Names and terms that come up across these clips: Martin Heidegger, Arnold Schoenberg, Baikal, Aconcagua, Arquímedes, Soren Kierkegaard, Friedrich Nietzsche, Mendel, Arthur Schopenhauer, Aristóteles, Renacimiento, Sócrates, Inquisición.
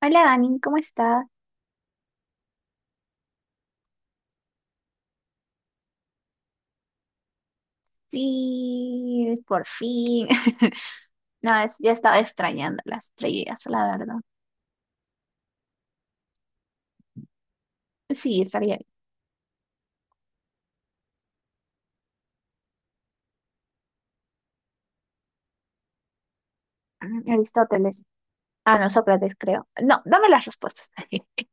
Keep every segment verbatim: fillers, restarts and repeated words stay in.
Hola Dani, ¿cómo estás? Sí, por fin. No, es- ya estaba extrañando las trivias, la verdad. Sí, estaría bien. Ah, Aristóteles. Ah, no, Sócrates, creo. No, dame las respuestas.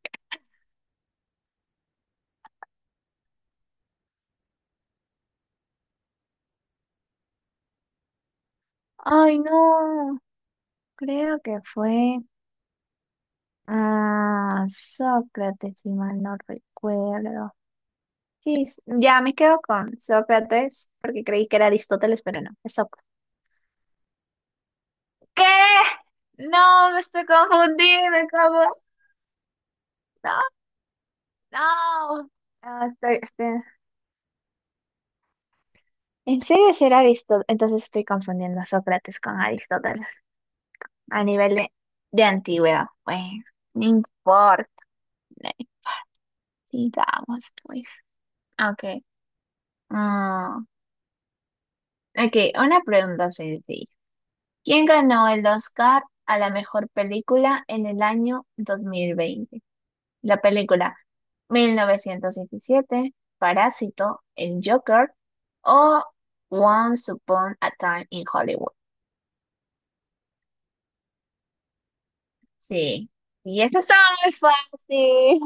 Ay, no, creo que fue ah, Sócrates, si mal no recuerdo. Sí, s- ya me quedo con Sócrates porque creí que era Aristóteles, pero no, es Sócrates. ¿Qué? No, me estoy confundiendo, ¿cómo? No. No, no, estoy, estoy- En serio será Aristóteles. Entonces estoy confundiendo a Sócrates con Aristóteles a nivel de, de antigüedad. Bueno, no importa. Digamos, pues. Ok. Mm, ok, una pregunta sencilla. ¿Quién ganó el Oscar a la mejor película en el año dos mil veinte? La película mil novecientos diecisiete, Parásito, El Joker o Once Upon a Time in Hollywood. Sí. Y esta estaba muy fácil.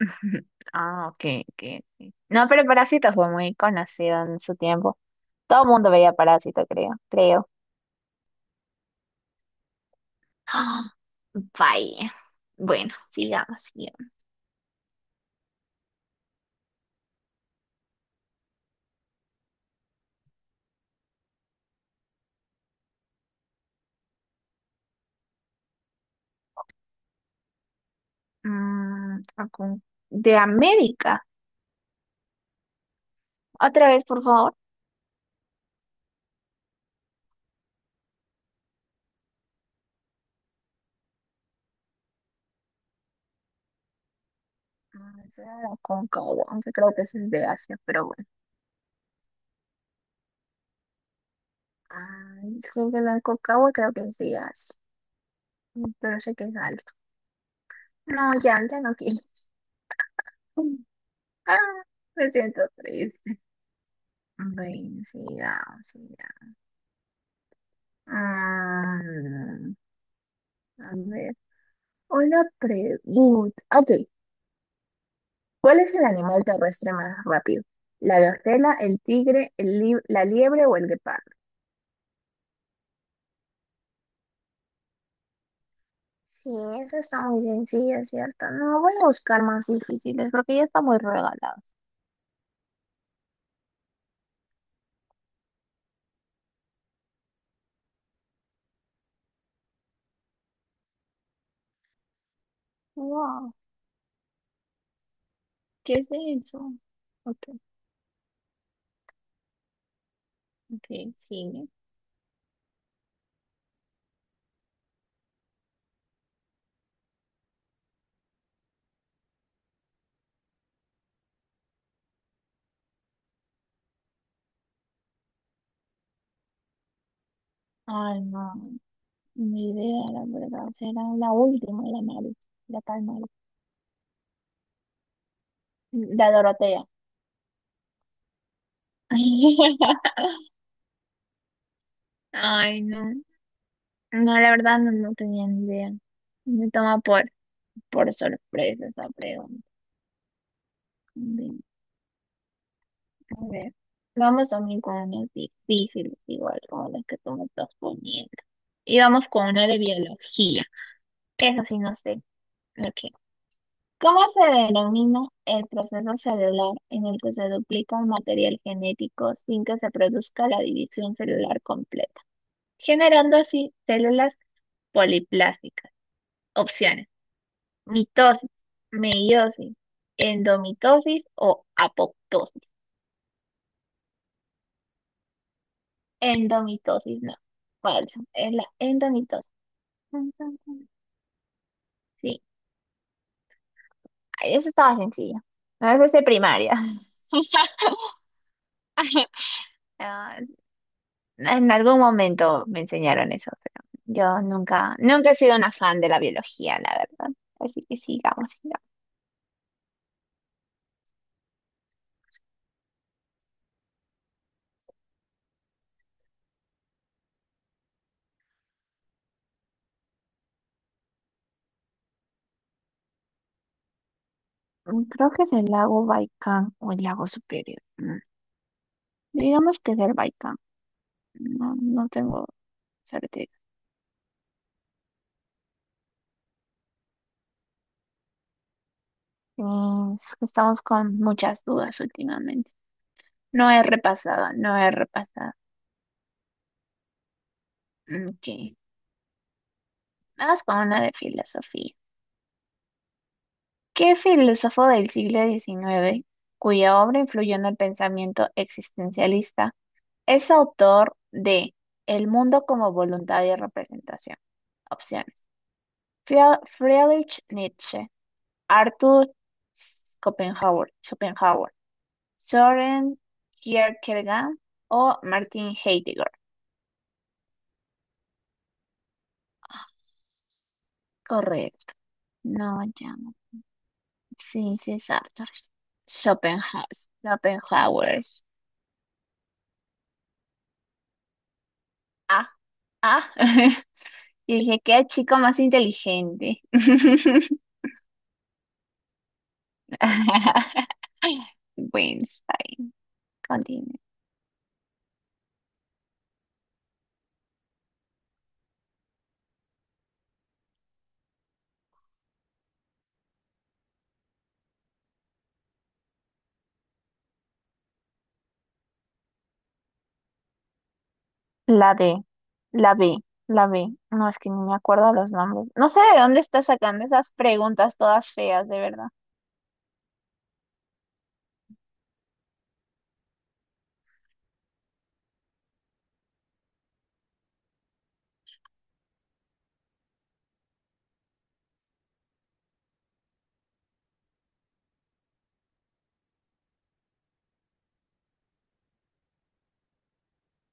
Ah, ok, ok, ok. No, pero Parásito fue muy conocido en su tiempo. Todo el mundo veía Parásito, creo, creo. Vaya. Bueno, sigamos, sigamos. Mm, Acun- de América. Otra vez, por favor. Mm, eso era de Aconcagua, aunque creo que ese es de Asia, pero bueno. Ah, es que el de Aconcagua creo que es de Asia. Mm, pero sé que es alto. No, ya, ya no quiero. Ah, me siento triste. Bueno, sigamos, sigamos. Mm, a ver, una pregunta. Ah, ok, ¿cuál es el animal terrestre más rápido? ¿La gacela, el tigre, el lib- la liebre o el guepardo? Sí, esa está muy sencilla, ¿cierto? No, voy a buscar más difíciles porque ya están muy regalados. Wow, ¿qué es eso? Ok, ok, sigue. Ay, no, ni idea, la verdad. Será la última, la Mari, la tal Mari. La Dorotea. Ay, no. No, la verdad no, no tenía ni idea. Me toma por, por sorpresa esa pregunta. Bien, a ver, vamos también con unas difíciles, igual como las que tú me estás poniendo. Y vamos con una de biología. Eso sí, no sé. Ok. ¿Cómo se denomina el proceso celular en el que se duplica un material genético sin que se produzca la división celular completa, generando así células poliplásticas? Opciones. Mitosis, meiosis, endomitosis o apoptosis. Endomitosis, no. Falso. Es la endomitosis. Tan, tan, tan. Sí. Ay, eso estaba sencillo. No, eso es de primaria. Ah, en algún momento me enseñaron eso, pero yo nunca, nunca he sido una fan de la biología, la verdad. Así que sigamos, sigamos. Mm, Creo que es el lago Baikal o el lago Superior. Mm, Digamos que es el Baikal. No, no tengo sorteo. Mm, es que estamos con muchas dudas últimamente. No he repasado, no he repasado. Ok, vamos con una de filosofía. ¿Qué filósofo del siglo diecinueve, cuya obra influyó en el pensamiento existencialista, es autor de El mundo como voluntad y representación? Opciones. Frie- Friedrich Nietzsche, Arthur Schopenhauer, Schopenhauer, Soren Kierkegaard o Martin Heidegger. Correcto. No, ya no. Sí, sí, es Arthur. Schopenhauer. Schopenhauer. Ah, ah. Y dije, qué chico más inteligente. Bueno, está bien. Continúe. La D, la B, la B. No, es que ni me acuerdo los nombres. No sé de dónde está sacando esas preguntas todas feas, de verdad.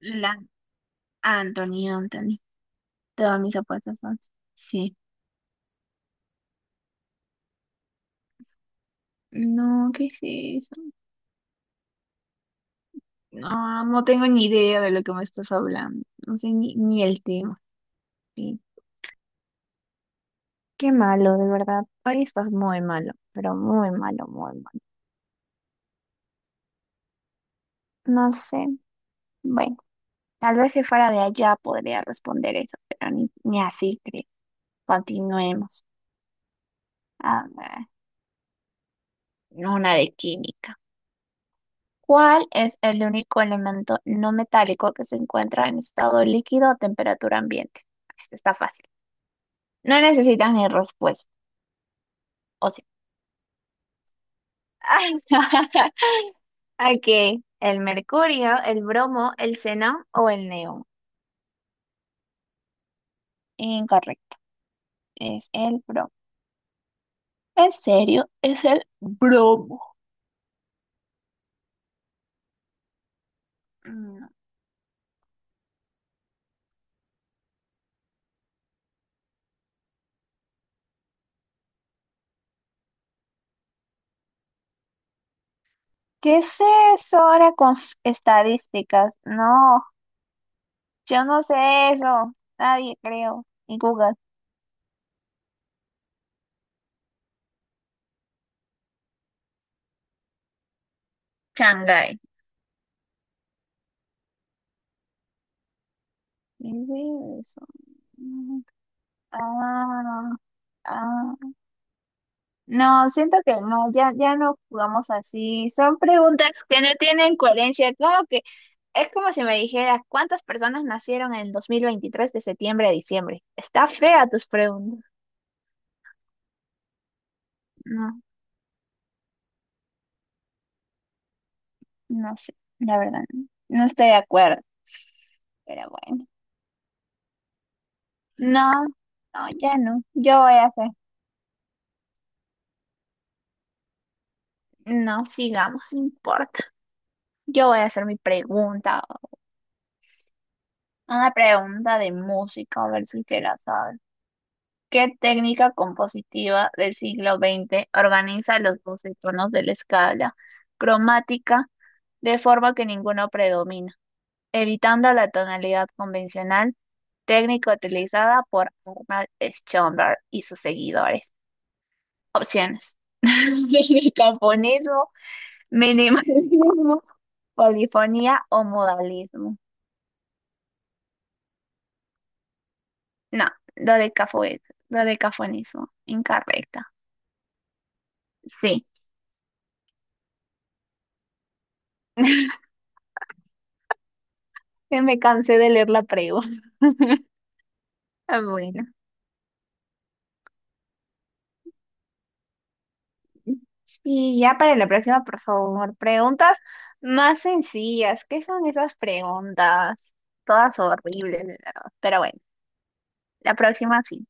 La Anthony, Anthony. Todas mis apuestas son. Sí. No, ¿qué es eso? No, no tengo ni idea de lo que me estás hablando. No sé ni, ni el tema. Sí. Qué malo, de verdad. Hoy estás muy malo, pero muy malo, muy malo. No sé. Bueno, tal vez si fuera de allá podría responder eso, pero ni, ni así creo. Continuemos. A ver, una de química. ¿Cuál es el único elemento no metálico que se encuentra en estado líquido a temperatura ambiente? Este está fácil. No necesitas ni respuesta. O sí. Ok, el mercurio, el bromo, el xenón o el neón. Incorrecto, es el bromo. En serio, es el bromo. No. ¿Qué es eso ahora con f- estadísticas? No, yo no sé eso. Nadie creo. Y Google. Shanghái. ¿Qué es eso? Mm, Ah, ah. No, siento que no, ya, ya no jugamos así. Son preguntas que no tienen coherencia. ¿Cómo que? Es como si me dijeras cuántas personas nacieron en el dos mil veintitrés de septiembre a diciembre. Está fea tus preguntas. No, no sé, la verdad, no, no estoy de acuerdo, pero bueno. No, no, ya no. Yo voy a hacer, no, sigamos, no importa. Yo voy a hacer mi pregunta. Una pregunta de música, a ver si te la sabes. ¿Qué técnica compositiva del siglo veinte organiza los doce tonos de la escala cromática de forma que ninguno predomine, evitando la tonalidad convencional, técnica utilizada por Arnold Schoenberg y sus seguidores? Opciones: Megafonismo, minimalismo, polifonía o modalismo. No, lo de dodecafonismo. Incorrecta. Sí, que me cansé de leer la pregunta. Ah, bueno, y ya para la próxima, por favor, preguntas más sencillas. ¿Qué son esas preguntas? Todas horribles, de verdad. Pero bueno. La próxima sí.